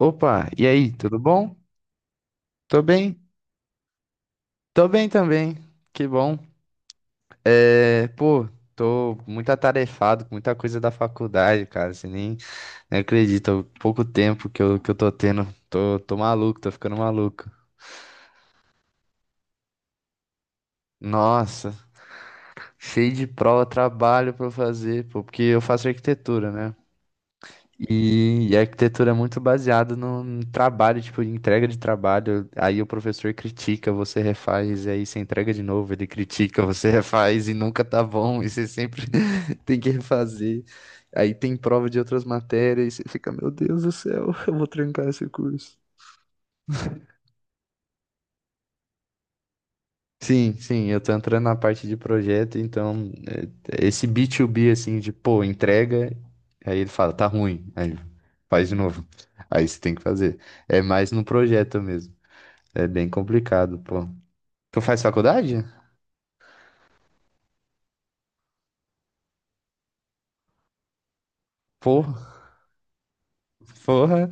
Opa, e aí, tudo bom? Tô bem, tô bem também, que bom. É, pô, tô muito atarefado com muita coisa da faculdade, cara, você nem, nem acredita, o pouco tempo que eu tô tendo, tô maluco, tô ficando maluco. Nossa, cheio de prova, trabalho pra eu fazer, pô, porque eu faço arquitetura, né? E a arquitetura é muito baseada no trabalho, tipo, de entrega de trabalho. Aí o professor critica, você refaz, e aí você entrega de novo, ele critica, você refaz e nunca tá bom, e você sempre tem que refazer. Aí tem prova de outras matérias, e você fica, meu Deus do céu, eu vou trancar esse curso. Sim, sim, eu tô entrando na parte de projeto, então é, esse B2B assim de, pô, entrega, aí ele fala, tá ruim, aí faz de novo. Aí você tem que fazer. É mais no projeto mesmo. É bem complicado, pô. Tu faz faculdade? Porra, porra.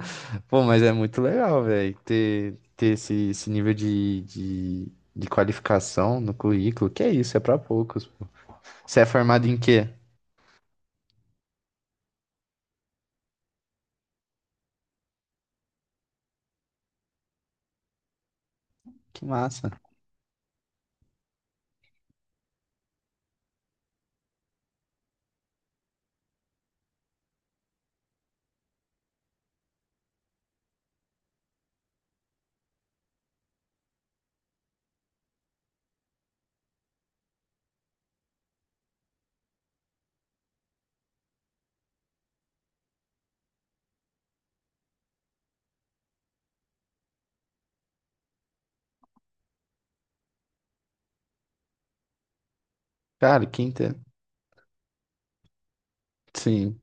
Pô, mas é muito legal, velho, ter esse, esse nível de qualificação no currículo. Que é isso, é pra poucos. Você é formado em quê? Que massa. Cara, quinta. Sim.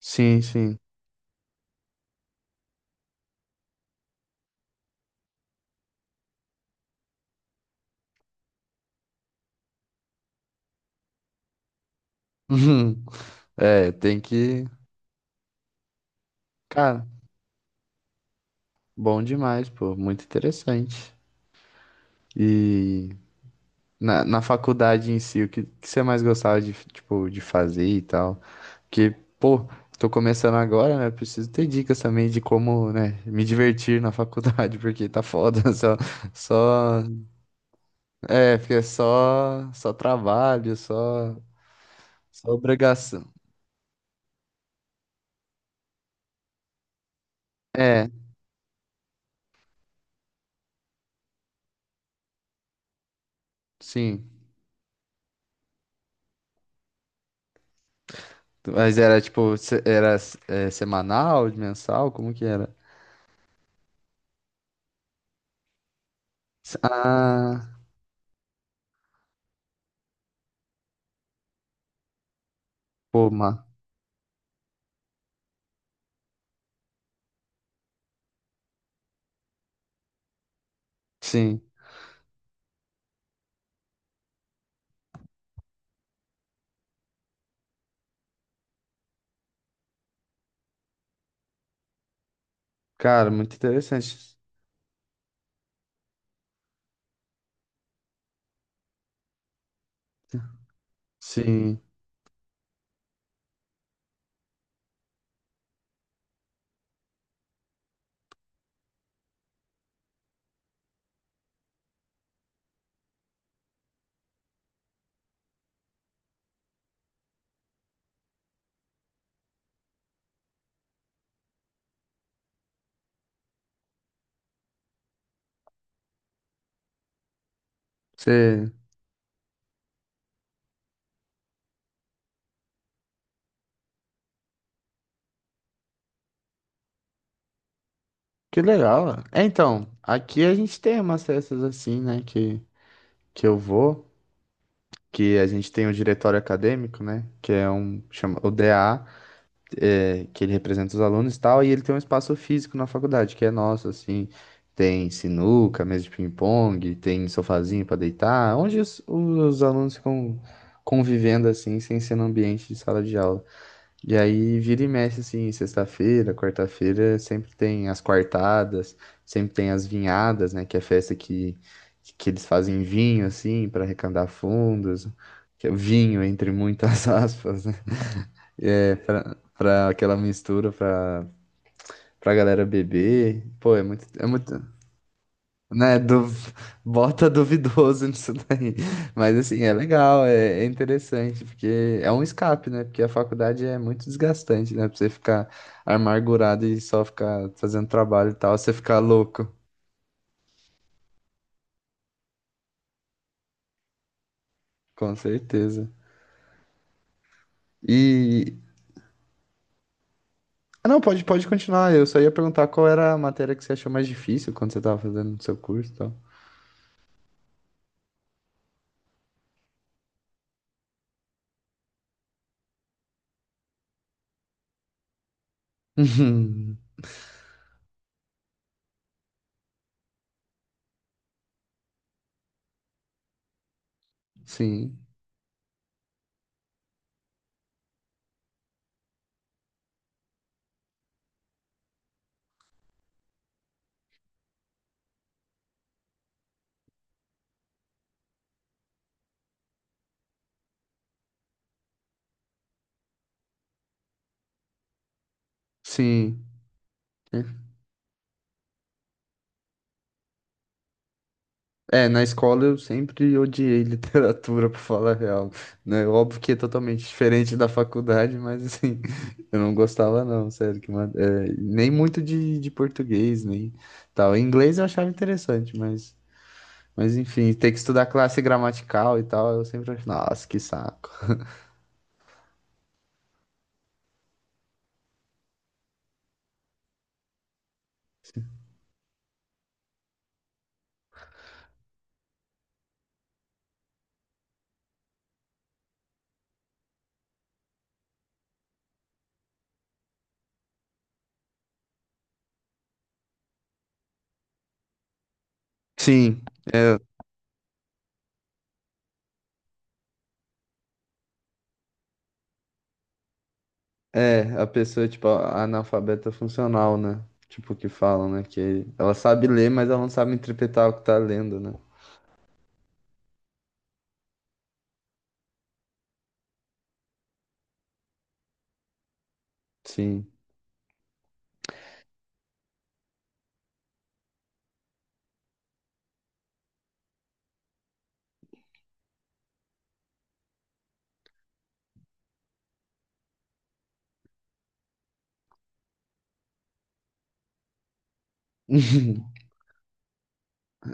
Sim, sim. É, tem que. Cara, bom demais, pô. Muito interessante. E na faculdade em si, que você mais gostava de, tipo, de fazer e tal? Porque, pô, tô começando agora, né? Preciso ter dicas também de como, né, me divertir na faculdade, porque tá foda. Só, é, porque é só trabalho, só, só obrigação. É, sim. Mas era tipo, era é, semanal, mensal? Como que era? Ah, pô, ma- Sim. Cara, muito interessante. Sim. Você... Que legal, ó. É, então, aqui a gente tem umas festas assim, né? Que eu vou, que a gente tem o diretório acadêmico, né? Que é um, chama o DA. É, que ele representa os alunos e tal, e ele tem um espaço físico na faculdade, que é nosso, assim, tem sinuca, mesa de ping-pong, tem sofazinho para deitar, onde os alunos ficam convivendo, assim, sem ser no ambiente de sala de aula. E aí vira e mexe, assim, sexta-feira, quarta-feira, sempre tem as quartadas, sempre tem as vinhadas, né, que é festa que eles fazem vinho, assim, para arrecadar fundos, que é vinho entre muitas aspas, né? É, pra aquela mistura, pra, pra galera beber. Pô, é muito, né, du- bota duvidoso nisso daí. Mas assim, é legal, é, é interessante, porque é um escape, né? Porque a faculdade é muito desgastante, né? Pra você ficar amargurado e só ficar fazendo trabalho e tal, você ficar louco, com certeza. E. Ah, não, pode continuar. Eu só ia perguntar qual era a matéria que você achou mais difícil quando você tava fazendo o seu curso e tal. Sim. Sim. É, na escola eu sempre odiei literatura, pra falar a real, né? É óbvio que é totalmente diferente da faculdade, mas assim, eu não gostava não, sério, que ma- é, nem muito de português, nem tal. Inglês eu achava interessante, mas enfim, ter que estudar classe gramatical e tal, eu sempre achei, nossa, que saco. Sim, é, é, a pessoa, tipo, a- analfabeta funcional, né? Tipo, que falam, né? Que ela sabe ler, mas ela não sabe interpretar o que tá lendo, né? Sim.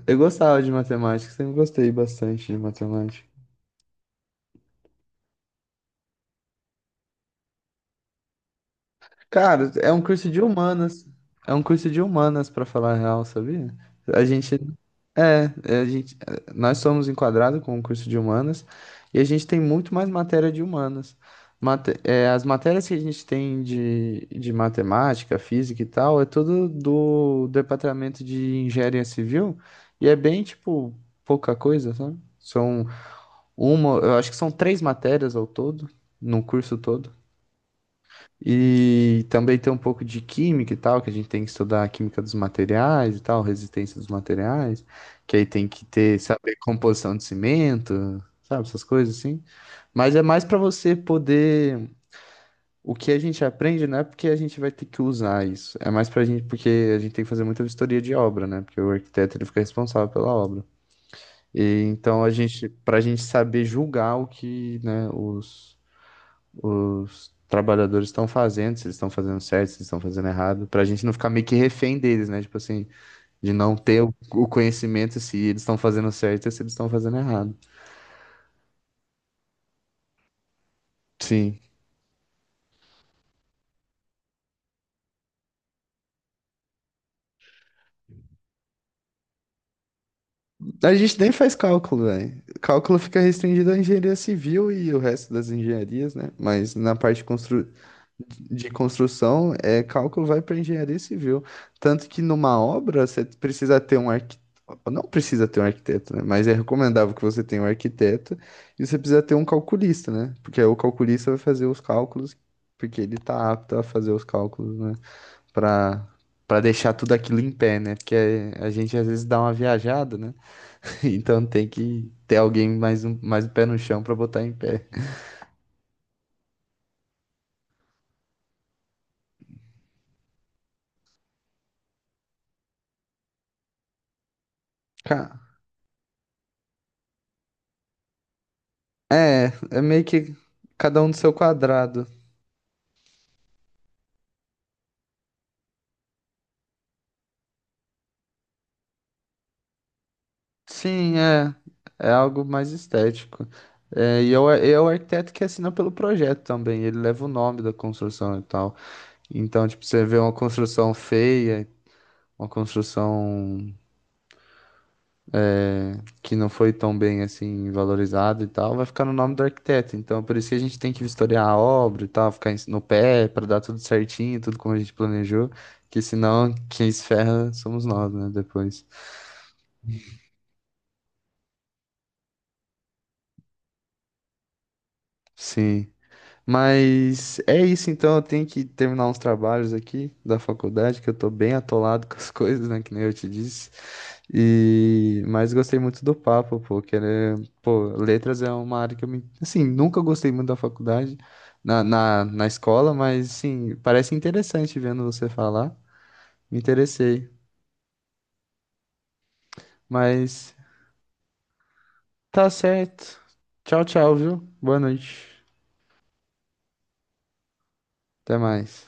Eu gostava de matemática, sempre gostei bastante de matemática. Cara, é um curso de humanas. É um curso de humanas, pra falar a real, sabia? A gente. É, é, a gente, é, nós somos enquadrados com o curso de humanas e a gente tem muito mais matéria de humanas. Mate- é, as matérias que a gente tem de matemática, física e tal, é tudo do departamento de engenharia civil e é bem, tipo, pouca coisa, sabe? São uma, eu acho que são três matérias ao todo, no curso todo. E também tem um pouco de química e tal, que a gente tem que estudar a química dos materiais e tal, resistência dos materiais, que aí tem que ter, saber composição de cimento, sabe, essas coisas assim. Mas é mais para você poder. O que a gente aprende não é porque a gente vai ter que usar isso, é mais pra gente, porque a gente tem que fazer muita vistoria de obra, né? Porque o arquiteto ele fica responsável pela obra. E então a gente, pra gente saber julgar o que, né, os trabalhadores estão fazendo, se eles estão fazendo certo, se eles estão fazendo errado, pra gente não ficar meio que refém deles, né? Tipo assim, de não ter o conhecimento se eles estão fazendo certo e se eles estão fazendo errado. Sim. A gente nem faz cálculo, velho. Cálculo fica restringido à engenharia civil e o resto das engenharias, né? Mas na parte de constru... de construção, é, cálculo vai para engenharia civil. Tanto que numa obra você precisa ter um arquiteto, não precisa ter um arquiteto, né? Mas é recomendável que você tenha um arquiteto e você precisa ter um calculista, né? Porque aí o calculista vai fazer os cálculos, porque ele tá apto a fazer os cálculos, né? Para para deixar tudo aquilo em pé, né? Porque a gente às vezes dá uma viajada, né? Então tem que ter alguém mais um, mais o pé no chão para botar em pé. Ca- é, é meio que cada um do seu quadrado. Sim, é. É algo mais estético. É, e é é o arquiteto que assina pelo projeto também. Ele leva o nome da construção e tal. Então, tipo, você vê uma construção feia, uma construção que não foi tão bem assim valorizada e tal, vai ficar no nome do arquiteto. Então, por isso que a gente tem que vistoriar a obra e tal, ficar em- no pé para dar tudo certinho, tudo como a gente planejou. Que senão quem se ferra somos nós, né? Depois. Sim. Mas é isso, então eu tenho que terminar uns trabalhos aqui da faculdade, que eu tô bem atolado com as coisas, né, que nem eu te disse. E mas gostei muito do papo, pô, que era, pô, letras é uma área que eu me, assim, nunca gostei muito da faculdade, na escola, mas assim, parece interessante vendo você falar. Me interessei. Mas tá certo. Tchau, tchau, viu? Boa noite. Até mais.